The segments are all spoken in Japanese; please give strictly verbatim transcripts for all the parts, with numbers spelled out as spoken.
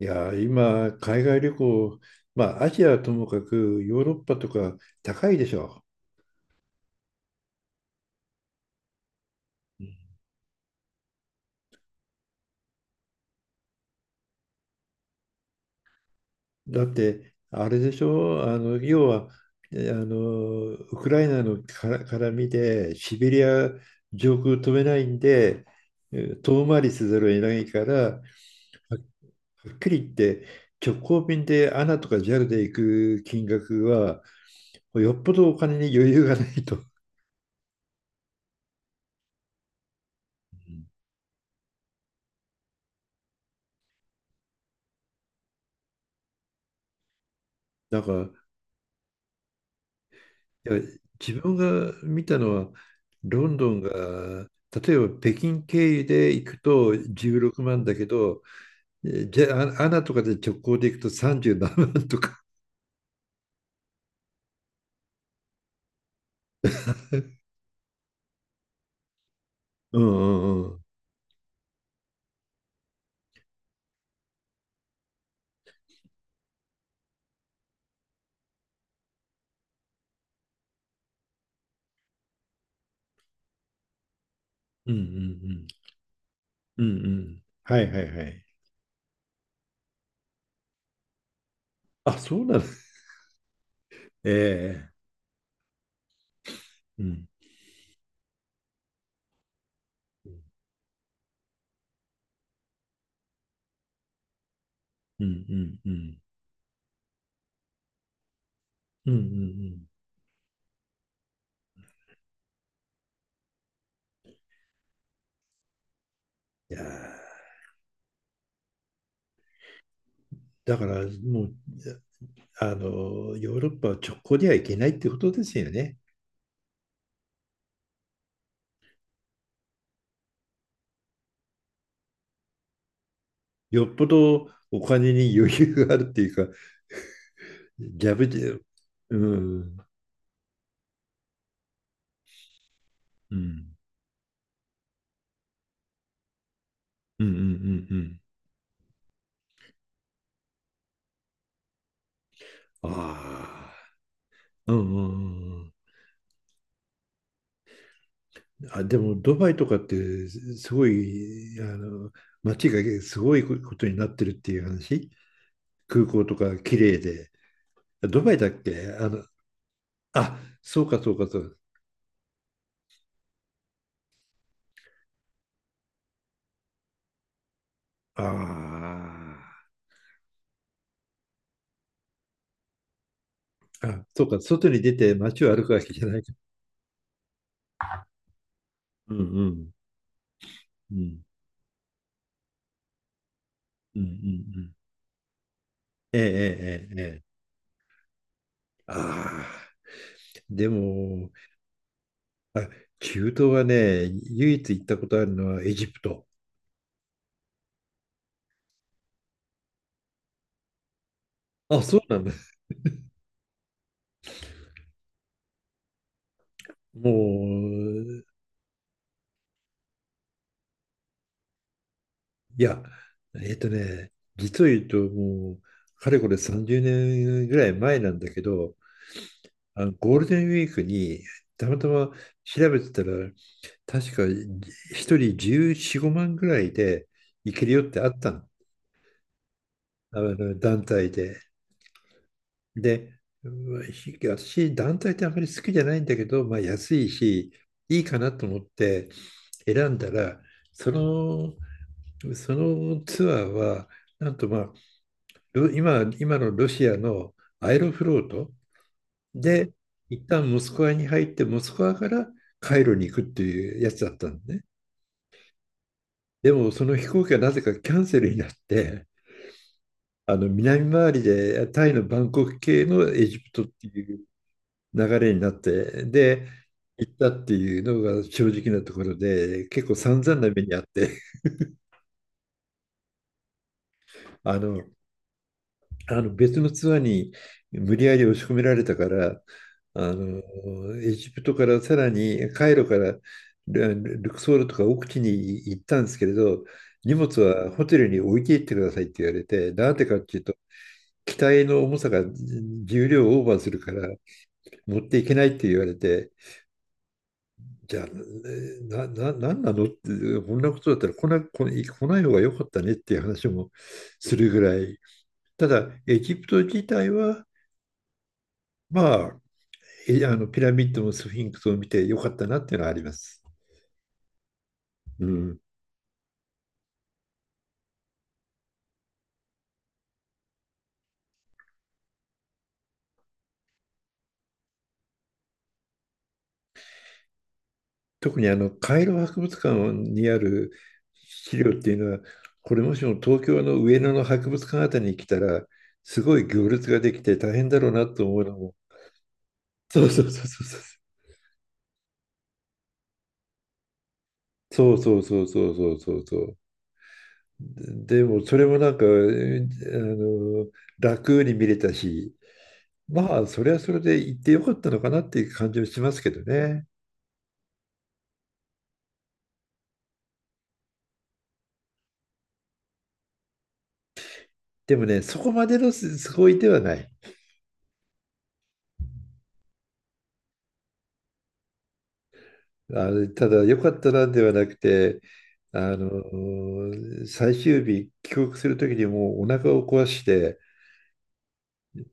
いやー、今、海外旅行、まあ、アジアはともかく、ヨーロッパとか高いでしょ。だって、あれでしょ、あの要は、えあのウクライナのから絡みで、シベリア上空飛べないんで、え遠回りせざるを得ないから、はっきり言って、直行便でアナとかジャルで行く金額は、よっぽどお金に余裕がないと。なんかいや、自分が見たのは、ロンドンが、例えば北京経由で行くとじゅうろくまんだけど、えーじゃあ、アナとかで直行で行くとさんじゅうななまんとか。うんうんうん。うんうんうん。うんうん。はいはいはい。あ、そうなんで、ええ、うんうんうんうん。うんうんうん。いやー、だからもう、あの、ヨーロッパは直行では行けないってことですよね。よっぽどお金に余裕があるっていうか、ギャブで、うん。うん。うんうんうんうん。ああ、うんうんうん、あ。でもドバイとかってすごい、あの、街がすごいことになってるっていう話、空港とか綺麗で。ドバイだっけ、あの、あ、そうかそうかそう。ああ。あ、そうか、外に出て街を歩くわけじゃないか。うんうんうんうんうんうん。ええええええ。ええ、ああ。でも、あ、中東はね、唯一行ったことあるのはエジプト。あ、そうなんです。もう、いや、えっとね、実を言うと、もう、かれこれさんじゅうねんぐらい前なんだけど、あのゴールデンウィークに、たまたま調べてたら、確かひとりじゅうよん、ごまんぐらいで行けるよってあったの。あの団体で。で、うん、私、団体ってあんまり好きじゃないんだけど、まあ、安いし、いいかなと思って選んだら、その、そのツアーは、なんとまあ、ロ今、今のロシアのアイロフロートで、一旦モスクワに入って、モスクワからカイロに行くっていうやつだったんでね。でも、その飛行機はなぜかキャンセルになって、あの南回りでタイのバンコク系のエジプトっていう流れになって、で、行ったっていうのが正直なところで、結構散々な目にあって、あの、あの別のツアーに無理やり押し込められたから、あの、エジプトからさらにカイロからルルクソールとか奥地に行ったんですけれど、荷物はホテルに置いていってくださいって言われて、なんでかっていうと、機体の重さが重量をオーバーするから持っていけないって言われて、じゃあ、な、な、なんなのって、こんなことだったら来な、来ない来ない方が良かったねっていう話もするぐらい。ただ、エジプト自体は、まあ、えあのピラミッドもスフィンクスを見て良かったなっていうのはあります。うん、特にあのカイロ博物館にある資料っていうのは、これもしも東京の上野の博物館あたりに来たら、すごい行列ができて大変だろうなと思うのも、そうそうそうそうそう。そうそうそうそうそうそうそう。でもそれもなんか、えあの、楽に見れたし、まあそれはそれで行ってよかったのかなっていう感じはしますけどね。でもね、そこまでのすごいではない。あの、ただよかったなではなくて、あの、最終日帰国する時にもうお腹を壊して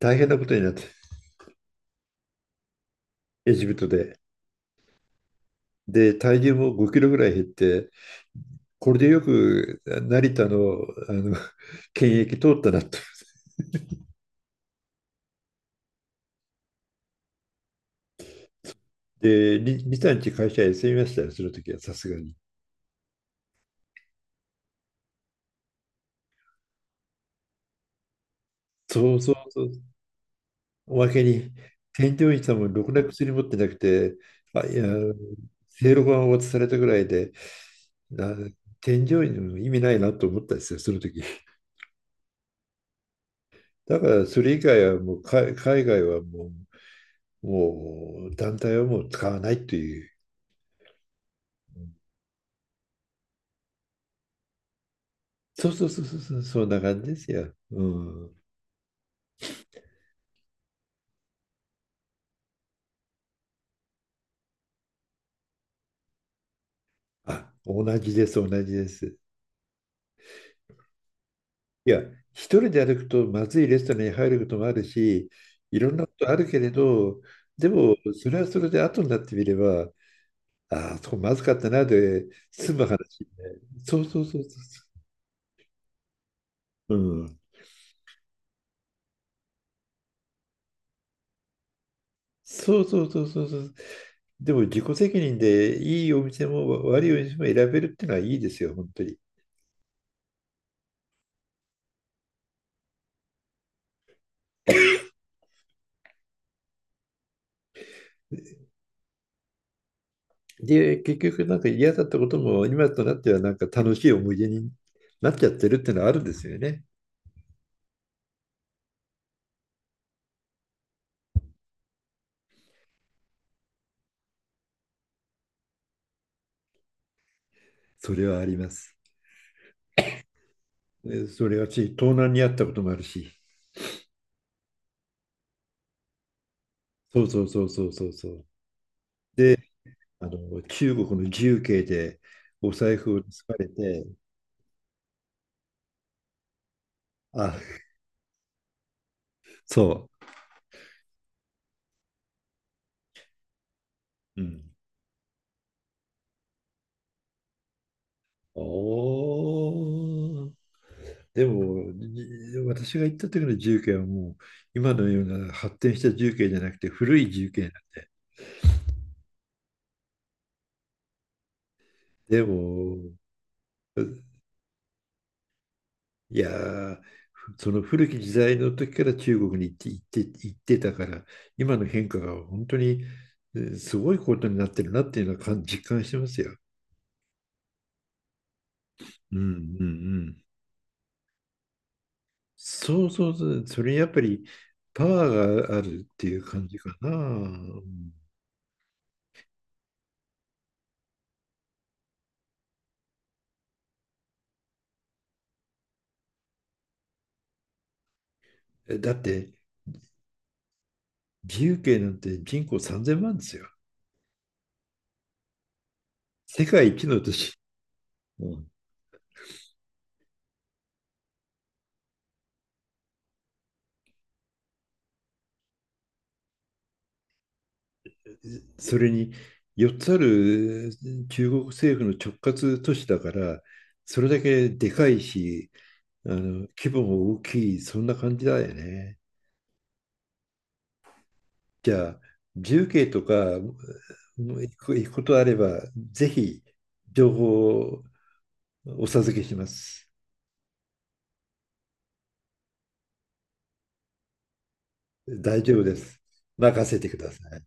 大変なことになって、エジプトで。で、体重もごキロぐらい減って、これでよく成田の、あの検疫通ったなと。で、リ、リサ会社休みましたよ、その時はさすがに。そうそうそう。おまけに、添乗員さんもろくな薬持ってなくて、まあ、いや、正露丸を渡されたぐらいで、な、添乗員の意味ないなと思ったんですよ、その時。だから、それ以外はもう、海、海外はもう、もう、団体はもう使わないという。そうそうそうそう、そう、そんな感じですよ。うん。あ、同じです、同じです。いや、一人で歩くとまずいレストランに入ることもあるし、いろんなことあるけれど、でもそれはそれで後になってみれば、ああ、そこまずかったなで済む話ね。そうそうそうそうそう。うん。そうそうそうそうそう。でも自己責任でいいお店も悪いお店も選べるっていうのはいいですよ、本当に。で、結局なんか嫌だったことも今となってはなんか楽しい思い出になっちゃってるっていうのはあるんですよね。それはあります。で、それはし、東南にあったこともあるし、そうそうそうそうそうそう、あの中国の重慶でお財布を盗まれて、あ、そう、うん。おー、でも、じ私が行った時の重慶はもう、今のような発展した重慶じゃなくて、古い重慶なんで、でも、いやー、その古き時代の時から中国に行って、行って、行ってたから、今の変化が本当にえーすごいことになってるなっていうのは感実感してますよ。うんうんうん、そうそうそう、それやっぱりパワーがあるっていう感じかな。うん、えだって、自由形なんて人口さんぜんまんですよ。世界一の都市。うん。それによっつある中国政府の直轄都市だから、それだけでかいし、あの規模も大きい、そんな感じだよね。じゃあ重慶とか、もう行く行くことあれば、ぜひ情報をお授けします。大丈夫です。任せてください。